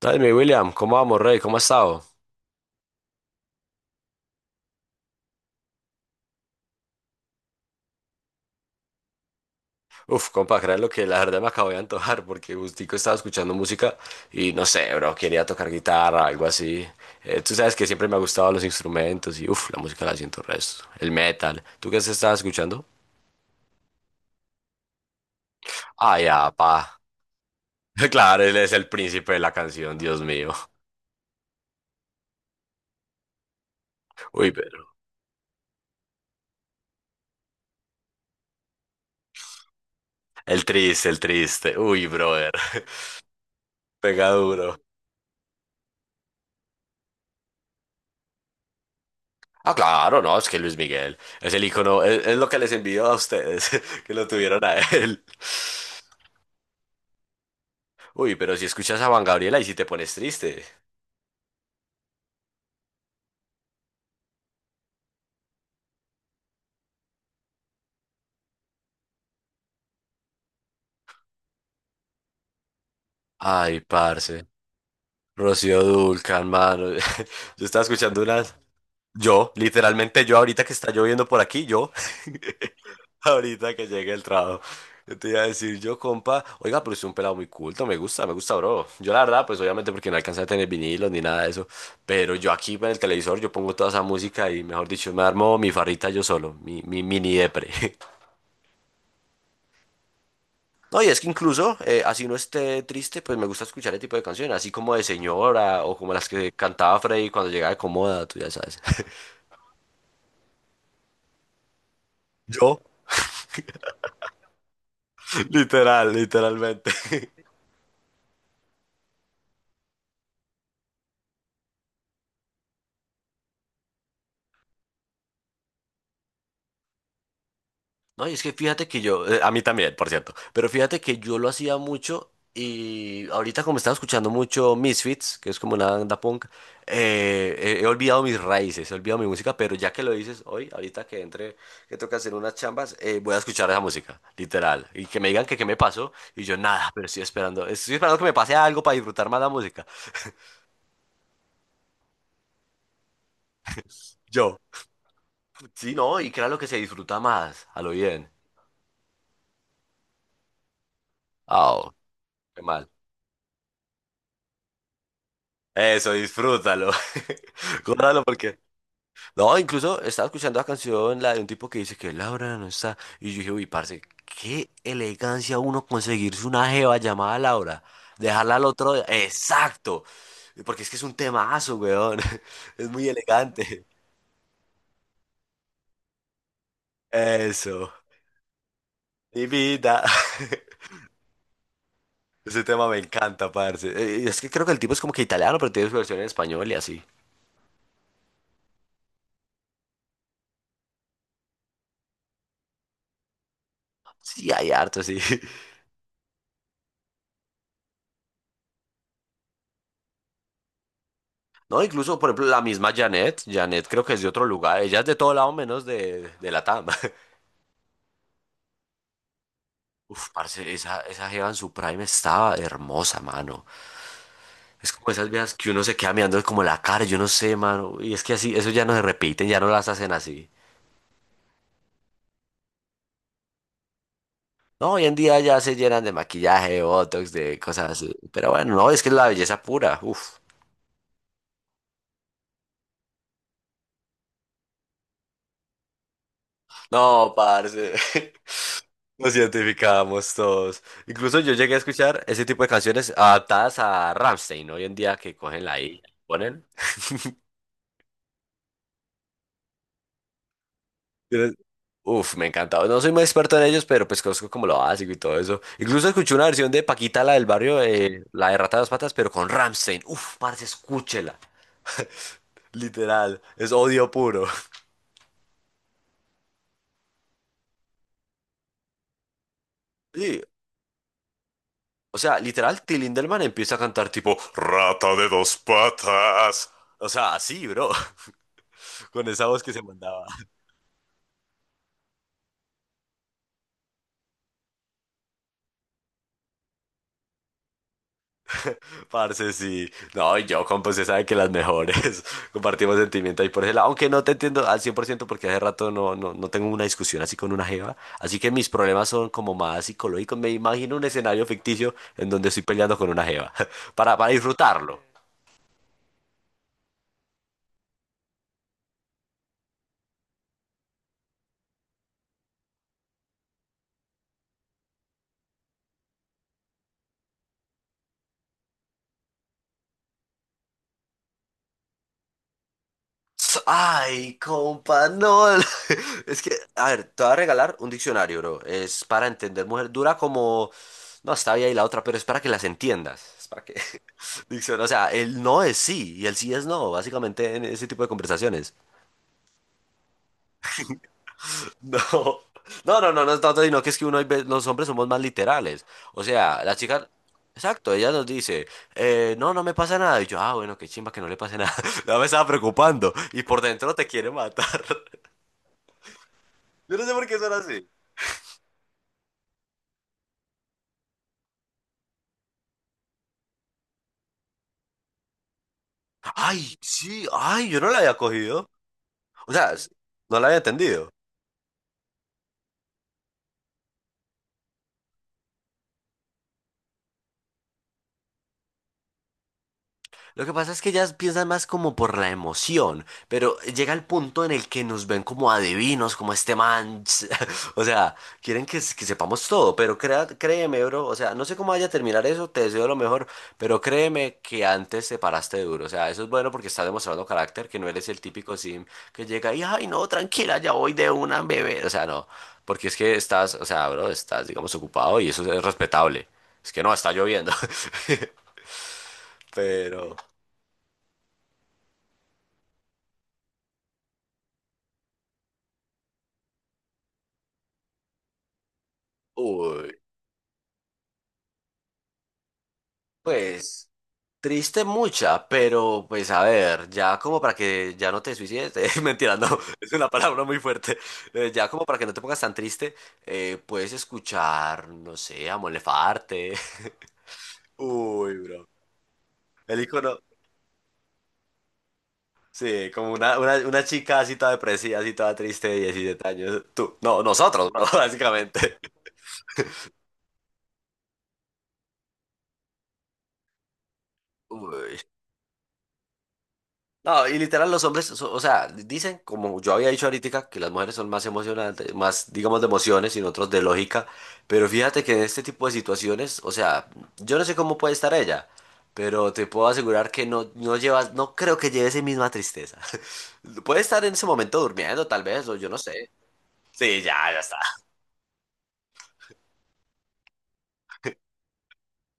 Entonces, mi William, ¿cómo vamos, Rey? ¿Cómo has estado? Uf, compa, crean lo que la verdad me acabo de antojar porque gustico estaba escuchando música y no sé, bro, quería tocar guitarra, algo así. Tú sabes que siempre me ha gustado los instrumentos y uf, la música la siento resto, el metal. ¿Tú qué estabas escuchando? Ah, ya, pa. Claro, él es el príncipe de la canción, Dios mío. Uy, pero el triste, el triste. Uy, brother. Pega duro. Ah, claro, no, es que Luis Miguel es el icono, es lo que les envió a ustedes, que lo tuvieron a él. Uy, pero si escuchas a Juan Gabriel, y si te pones triste. Ay, parce. Rocío Dulcan, mano. Yo estaba escuchando una. Yo, literalmente yo ahorita que está lloviendo por aquí, yo, ahorita que llegue el trabajo, yo te iba a decir, yo, compa, oiga, pero es un pelado muy culto, me gusta, bro. Yo la verdad, pues obviamente porque no alcancé a tener vinilos ni nada de eso, pero yo aquí en el televisor, yo pongo toda esa música y, mejor dicho, me armo mi farrita yo solo, mi mini depre. No, y es que incluso, así no esté triste, pues me gusta escuchar ese tipo de canciones, así como de señora o como las que cantaba Freddy cuando llegaba de Comoda, tú ya sabes. Yo, literal, literalmente. No, y es que fíjate que yo, a mí también, por cierto, pero fíjate que yo lo hacía mucho y ahorita como estaba escuchando mucho Misfits, que es como una banda punk, he olvidado mis raíces, he olvidado mi música, pero ya que lo dices hoy, ahorita que entre, que toca hacer unas chambas, voy a escuchar esa música, literal, y que me digan que qué me pasó, y yo nada, pero estoy esperando que me pase algo para disfrutar más la música. Yo, sí, no, y claro que se disfruta más, a lo bien. Ah, oh, qué mal. Eso, disfrútalo. Gózalo porque... No, incluso estaba escuchando la canción, la de un tipo que dice que Laura no está. Y yo dije, uy, parce, qué elegancia uno conseguirse una jeva llamada Laura. Dejarla al otro día. Exacto. Porque es que es un temazo, weón. Es muy elegante. Eso. Mi vida. Ese tema me encanta, parce. Es que creo que el tipo es como que italiano, pero tiene su versión en español y así. Sí, hay harto, sí. No, incluso, por ejemplo, la misma Janet. Janet creo que es de otro lugar. Ella es de todo lado menos de Latam. Uf, parce, esa jeva en su prime estaba hermosa, mano. Es como esas viejas que uno se queda mirando como la cara, yo no sé, mano. Y es que así, eso ya no se repiten, ya no las hacen así. No, hoy en día ya se llenan de maquillaje, de botox, de cosas así. Pero bueno, no, es que es la belleza pura, uf. No, parce. Nos identificamos todos. Incluso yo llegué a escuchar ese tipo de canciones adaptadas a Rammstein, ¿no? Hoy en día que cogen la I, ponen. Tienes- Uf, me encantaba. No soy muy experto en ellos, pero pues conozco como lo básico y todo eso. Incluso escuché una versión de Paquita, la del barrio, la de Rata de dos Patas, pero con Rammstein. Uf, parce, escúchela. Literal, es odio puro. Sí, o sea, literal, Till Lindemann empieza a cantar tipo Rata de dos patas. O sea, así, bro, con esa voz que se mandaba. Parce, sí. No, y yo, compa, usted sabe que las mejores. Compartimos sentimiento ahí por ese lado. Aunque no te entiendo al 100% porque hace rato no tengo una discusión así con una jeva. Así que mis problemas son como más psicológicos. Me imagino un escenario ficticio en donde estoy peleando con una jeva. Para disfrutarlo. Ay, compa, no. Es que, a ver, te voy a regalar un diccionario, bro. Es para entender mujer. Dura como. No, está bien ahí la otra, pero es para que las entiendas. Es para que. Diccionario. O sea, el no es sí y el sí es no, básicamente en ese tipo de conversaciones. No. No, no, no, no es tanto, sino que es que uno, hay los hombres somos más literales. O sea, la chica. Exacto, ella nos dice, no me pasa nada. Y yo, ah, bueno, qué chimba que no le pase nada. No me estaba preocupando. Y por dentro te quiere matar. Yo no sé por qué son así. Ay, sí, ay, yo no la había cogido. O sea, no la había entendido. Lo que pasa es que ellas piensan más como por la emoción, pero llega el punto en el que nos ven como adivinos, como este man. O sea, quieren que sepamos todo, pero créeme, bro. O sea, no sé cómo vaya a terminar eso, te deseo lo mejor, pero créeme que antes te paraste duro. O sea, eso es bueno porque estás demostrando carácter, que no eres el típico sim que llega y, ay, no, tranquila, ya voy de una bebé. O sea, no, porque es que estás, o sea, bro, estás, digamos, ocupado y eso es respetable. Es que no, está lloviendo. Pero. Uy, pues triste mucha, pero pues a ver, ya como para que ya no te suicides, mentira, no, es una palabra muy fuerte. Ya como para que no te pongas tan triste, puedes escuchar, no sé, a Mon Laferte. Uy, bro, el icono, sí, como una chica así toda depresiva, así toda triste de 17 años, tú, no, nosotros, bro, básicamente. Uy. No, y literal los hombres, o sea, dicen, como yo había dicho ahorita, que las mujeres son más emocionantes, más, digamos, de emociones y nosotros de lógica, pero fíjate que en este tipo de situaciones, o sea, yo no sé cómo puede estar ella, pero te puedo asegurar que no, no llevas, no creo que lleve esa misma tristeza. Puede estar en ese momento durmiendo, tal vez, o yo no sé. Sí, ya, ya está.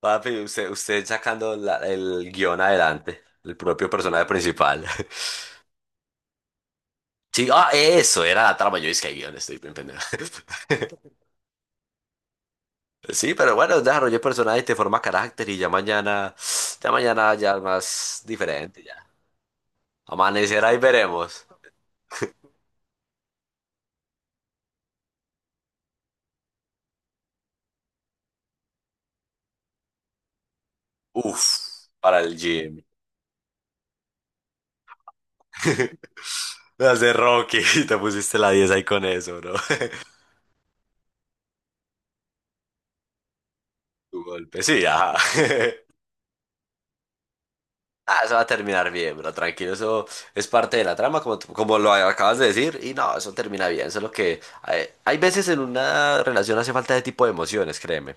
Papi, usted sacando el guión adelante, el propio personaje principal. Sí, ah, eso era la trama, yo dije que guión, estoy bien pendejo. Sí, pero bueno, desarrollé personajes, te forma carácter y ya mañana, ya mañana ya es más diferente ya. Amanecerá y veremos. Uf, para el gym. Me hace Rocky, te pusiste la 10 ahí con eso, bro. Tu golpe, sí, ajá. Ah, eso va a terminar bien, bro, tranquilo, eso es parte de la trama, como, como lo acabas de decir, y no, eso termina bien, solo que hay veces en una relación hace falta ese tipo de emociones, créeme,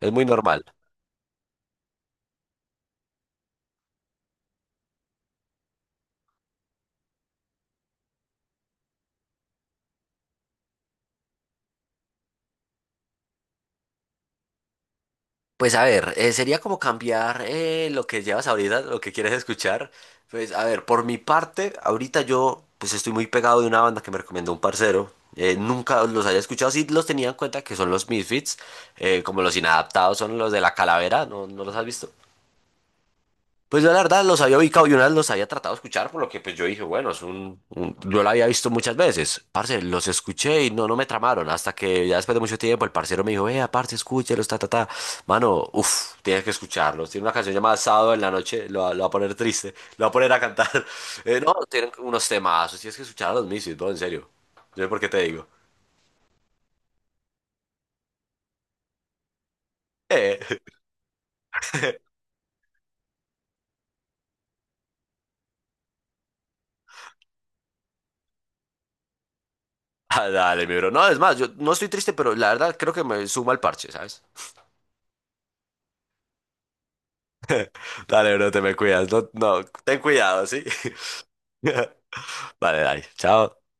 es muy normal. Pues a ver, sería como cambiar lo que llevas ahorita, lo que quieres escuchar. Pues a ver, por mi parte, ahorita yo pues estoy muy pegado de una banda que me recomendó un parcero. Nunca los había escuchado, sí los tenía en cuenta que son los Misfits, como los inadaptados son los de la calavera, ¿no, no los has visto? Pues yo la verdad los había ubicado y una vez los había tratado de escuchar, por lo que pues yo dije, bueno, es yo lo había visto muchas veces. Parce, los escuché y no me tramaron, hasta que ya después de mucho tiempo el parcero me dijo, vea, parce, escúchelos, ta, ta, ta. Mano, uff, tienes que escucharlos. Tiene una canción llamada Sábado en la noche, lo va a poner triste, lo va a poner a cantar. No, tienen unos temazos, tienes que escuchar a los Misis, bro, en serio. Yo sé por qué te digo. Eh. Ah, dale, mi bro. No, es más, yo no estoy triste, pero la verdad creo que me suma el parche, ¿sabes? Dale, bro, te me cuidas. No, no, ten cuidado, ¿sí? Vale, dale. Chao.